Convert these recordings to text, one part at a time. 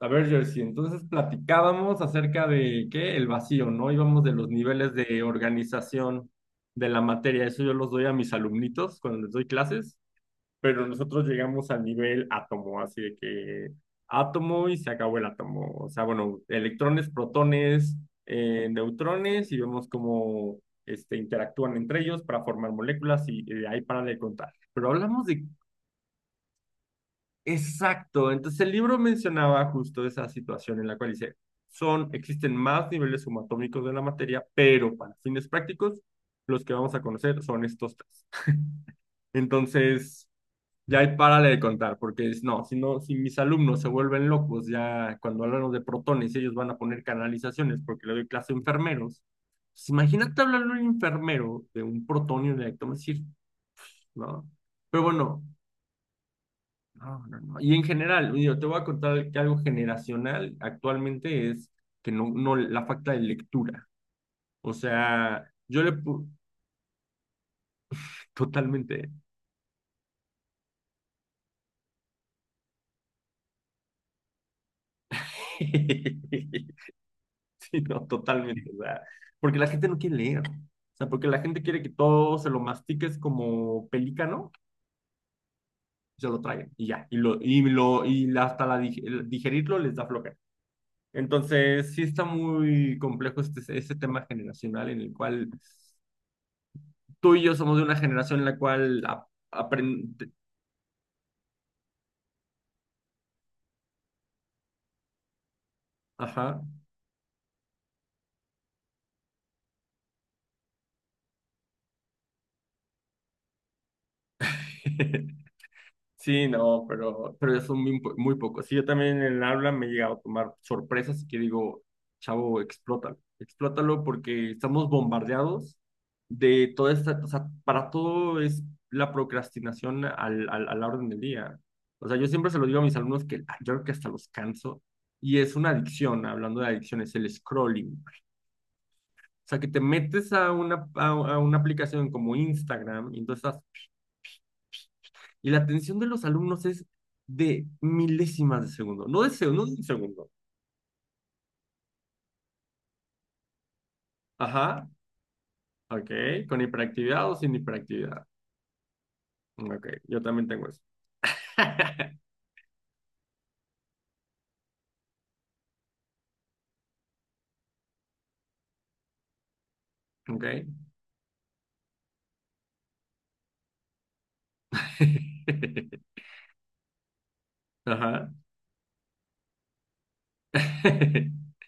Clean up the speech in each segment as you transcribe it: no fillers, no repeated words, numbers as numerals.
A ver, Jersey, entonces platicábamos acerca de qué, el vacío, ¿no? Íbamos de los niveles de organización de la materia, eso yo los doy a mis alumnitos cuando les doy clases, pero nosotros llegamos al nivel átomo, así de que átomo y se acabó el átomo, o sea, bueno, electrones, protones, neutrones y vemos cómo interactúan entre ellos para formar moléculas y de ahí para de contar. Pero hablamos de exacto. Entonces el libro mencionaba justo esa situación en la cual dice, son, existen más niveles subatómicos de la materia, pero para fines prácticos, los que vamos a conocer son estos tres. Entonces, ya ahí párale de contar, porque es, no, si no, si mis alumnos se vuelven locos, ya cuando hablamos de protones, ellos van a poner canalizaciones porque le doy clase a enfermeros. Pues imagínate hablarle a un enfermero de un protonio de decir, ¿no? Pero bueno, no, no, no. Y en general, yo te voy a contar que algo generacional actualmente es que no, no, la falta de lectura. O sea, yo le pu- totalmente, sí, no, totalmente, o sea, porque la gente no quiere leer. O sea, porque la gente quiere que todo se lo mastiques como pelícano, se lo traguen y ya, y lo, y la- hasta la dig- el digerirlo les da flojera. Entonces, sí está muy complejo este tema generacional en el cual tú y yo somos de una generación en la cual aprende... Ajá. Sí, no, pero ya son muy, po- muy pocos. Sí, yo también en el aula me he llegado a tomar sorpresas y que digo, chavo, explótalo. Explótalo porque estamos bombardeados de toda esta, o sea, para todo es la procrastinación a la orden del día. O sea, yo siempre se lo digo a mis alumnos que yo creo que hasta los canso y es una adicción, hablando de adicciones, el scrolling. O sea, que te metes a una, a una aplicación como Instagram y entonces estás- y la atención de los alumnos es de milésimas de segundo, no de segundo, no de segundo. Ajá, ok, con hiperactividad o sin hiperactividad. Ok, yo también tengo eso. Ok. Ajá.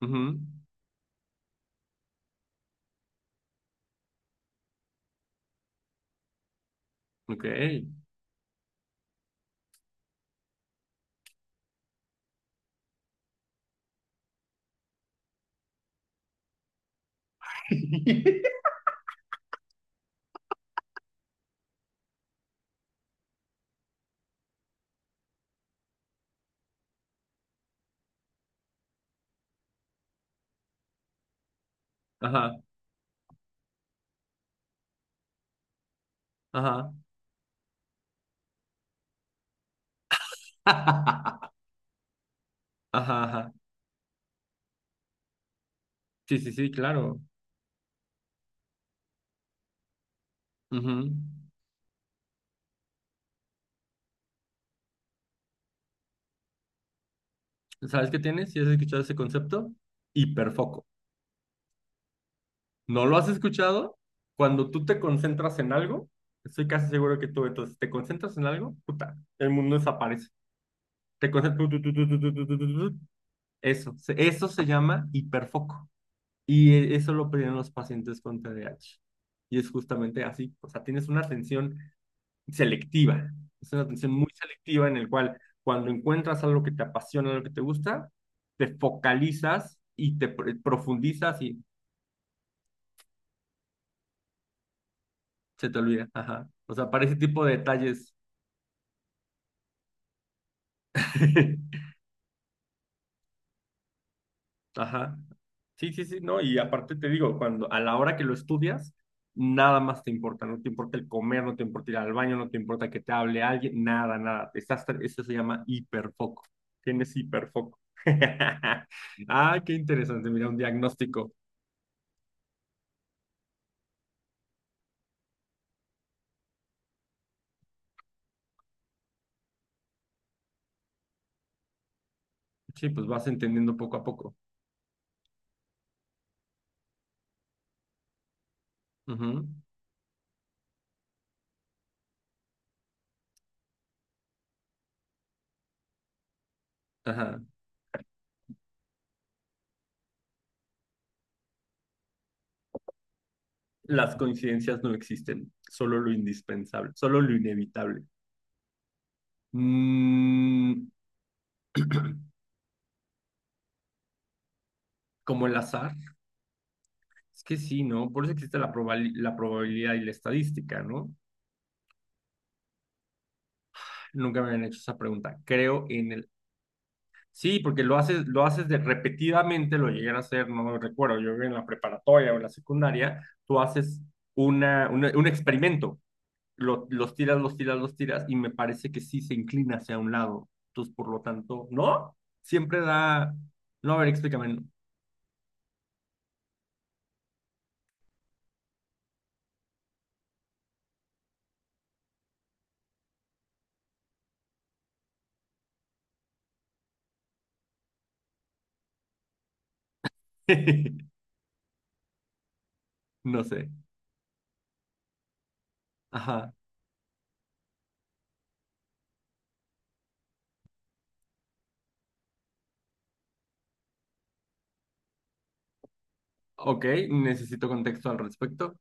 Ujú, ok. Ajá, ajá. Ajá, ajá. Sí, sí, sí, claro. Ujú. ¿Sabes qué tienes, si has escuchado ese concepto? Hiperfoco. ¿No lo has escuchado? Cuando tú te concentras en algo, estoy casi seguro que tú, entonces, te concentras en algo, puta, el mundo desaparece. Te concentras, tu, tu, tu, tu, tu, tu, tu, tu, tu. Eso, eso se llama hiperfoco. Y eso lo piden los pacientes con TDAH. Y es justamente así, o sea, tienes una atención selectiva, es una atención muy selectiva en el cual cuando encuentras algo que te apasiona, algo que te gusta, te focalizas y te pr- profundizas y se te olvida. Ajá. O sea, para ese tipo de detalles ajá. Sí, sí, sí, no, y aparte te digo, cuando a la hora que lo estudias, nada más te importa, no te importa el comer, no te importa ir al baño, no te importa que te hable alguien, nada, nada. Estás, tra- eso se llama hiperfoco. Tienes hiperfoco. Ah, qué interesante, mira, un diagnóstico. Sí, pues vas entendiendo poco a poco. Ujú. Ajá. Las coincidencias no existen, solo lo indispensable, solo lo inevitable. Mm, Como el azar. Es que sí, ¿no? Por eso existe la la probabilidad y la estadística, ¿no? Nunca me habían hecho esa pregunta. Creo en el... Sí, porque lo haces de repetidamente, lo llegué a hacer, no lo recuerdo, yo en la preparatoria o en la secundaria, tú haces un experimento, los tiras, los tiras, los tiras, y me parece que sí se inclina hacia un lado. Entonces, por lo tanto, ¿no? Siempre da... No, a ver, explícame. No sé. Ajá. Ok, necesito contexto al respecto.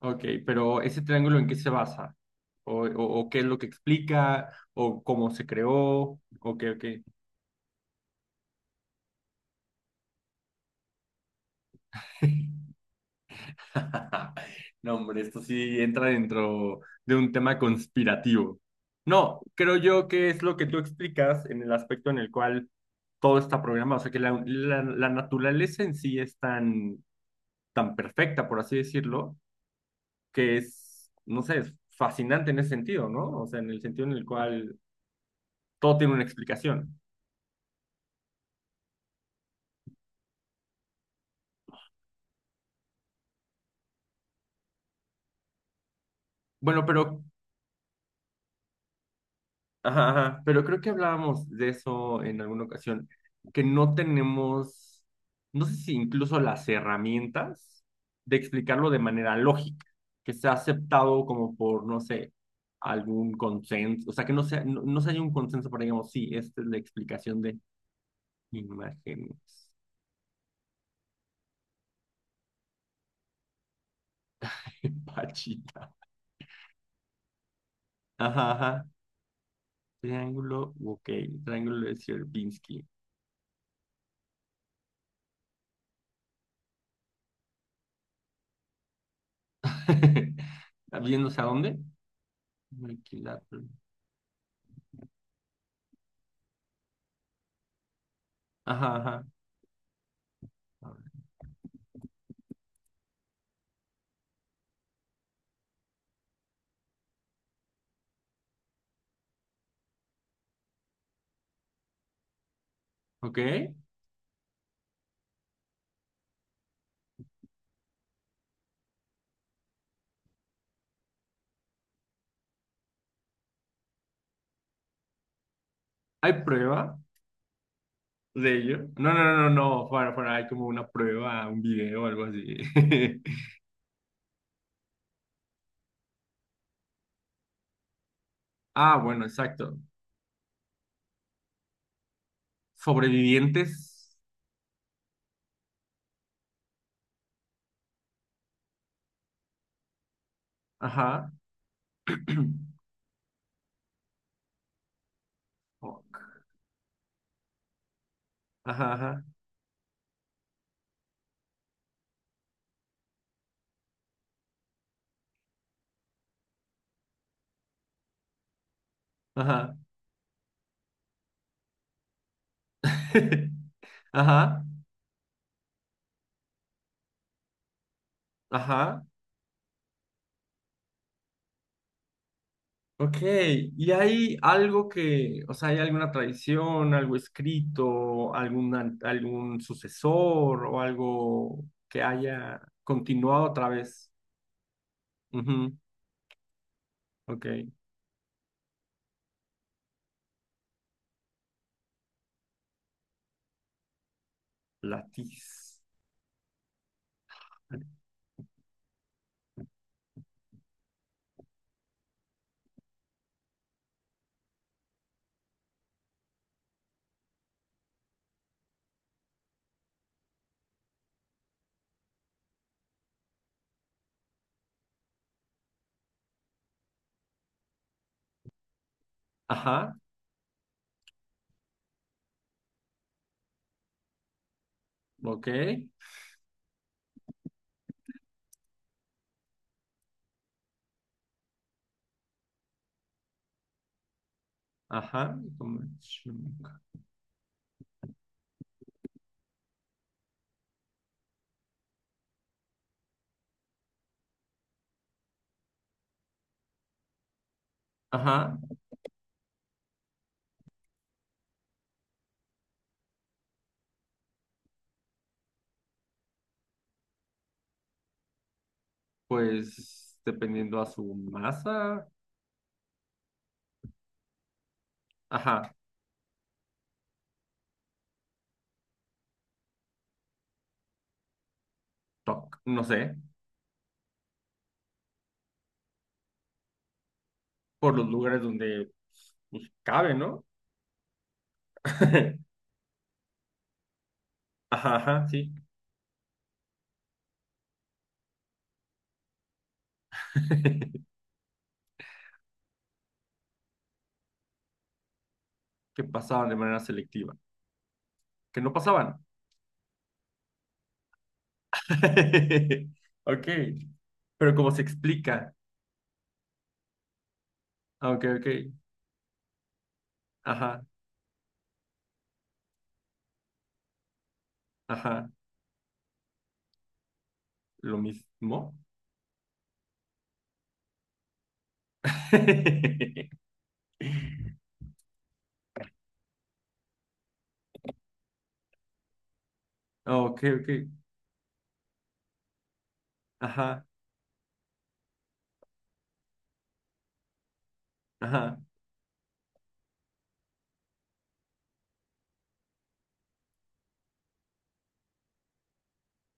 Ok, pero ese triángulo ¿en qué se basa? ¿O qué es lo que explica? ¿O cómo se creó? ¿O qué, o qué? No, hombre, esto sí entra dentro de un tema conspirativo. No, creo yo que es lo que tú explicas en el aspecto en el cual todo está programado. O sea, que la naturaleza en sí es tan, tan perfecta, por así decirlo, que es, no sé, es fascinante en ese sentido, ¿no? O sea, en el sentido en el cual todo tiene una explicación. Bueno, pero, ajá, ajá, pero creo que hablábamos de eso en alguna ocasión, que no tenemos, no sé si incluso las herramientas de explicarlo de manera lógica, que sea aceptado como por, no sé, algún consenso, o sea, que no sea, no, no se haya un consenso para, digamos, sí, esta es la explicación de imágenes. Pachita. Ajá, ajá. Triángulo, ok, triángulo de Sierpinski. ¿Viéndose a dónde? Equilatero. Ajá, ajá. ¿Ok? ¿Hay prueba de ello? No, no, no, no, no, fuera, fuera, hay como una prueba, un video o algo así. Ah, bueno, exacto. Sobrevivientes. Ajá. Fuck. Ajá, ajá, ajá. Ajá, ajá. Ok, ¿y hay algo que, o sea, hay alguna tradición, algo escrito, algún sucesor o algo que haya continuado otra vez? Ujú, ok. Latiz. Ajá, ok. Ajá. Como ajá, pues dependiendo a su masa. Ajá, toc, no sé, por los lugares donde pues, cabe, ¿no? Ajá, ajá, sí. Que pasaban de manera selectiva. Que no pasaban. Ok, pero como se explica. Ah, ok, ok. Ajá, ajá. Lo mismo. Ok, ok. Ajá, ajá.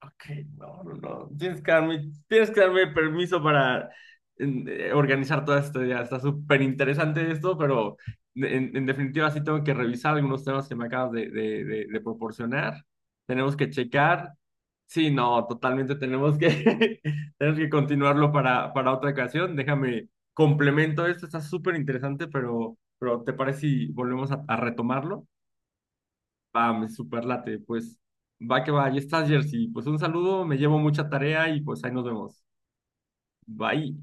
Ok, no, no, no. Tienes que darme permiso para organizar todo esto. Ya está súper interesante esto, pero en definitiva sí tengo que revisar algunos temas que me acabas de proporcionar. Tenemos que checar. Sí, no, totalmente tenemos que, tenemos que continuarlo para otra ocasión. Déjame, complemento esto, está súper interesante, pero ¿te parece si volvemos a retomarlo? Va, me super late, pues va que va, ya estás, Jersey. Pues un saludo, me llevo mucha tarea y pues ahí nos vemos. Bye.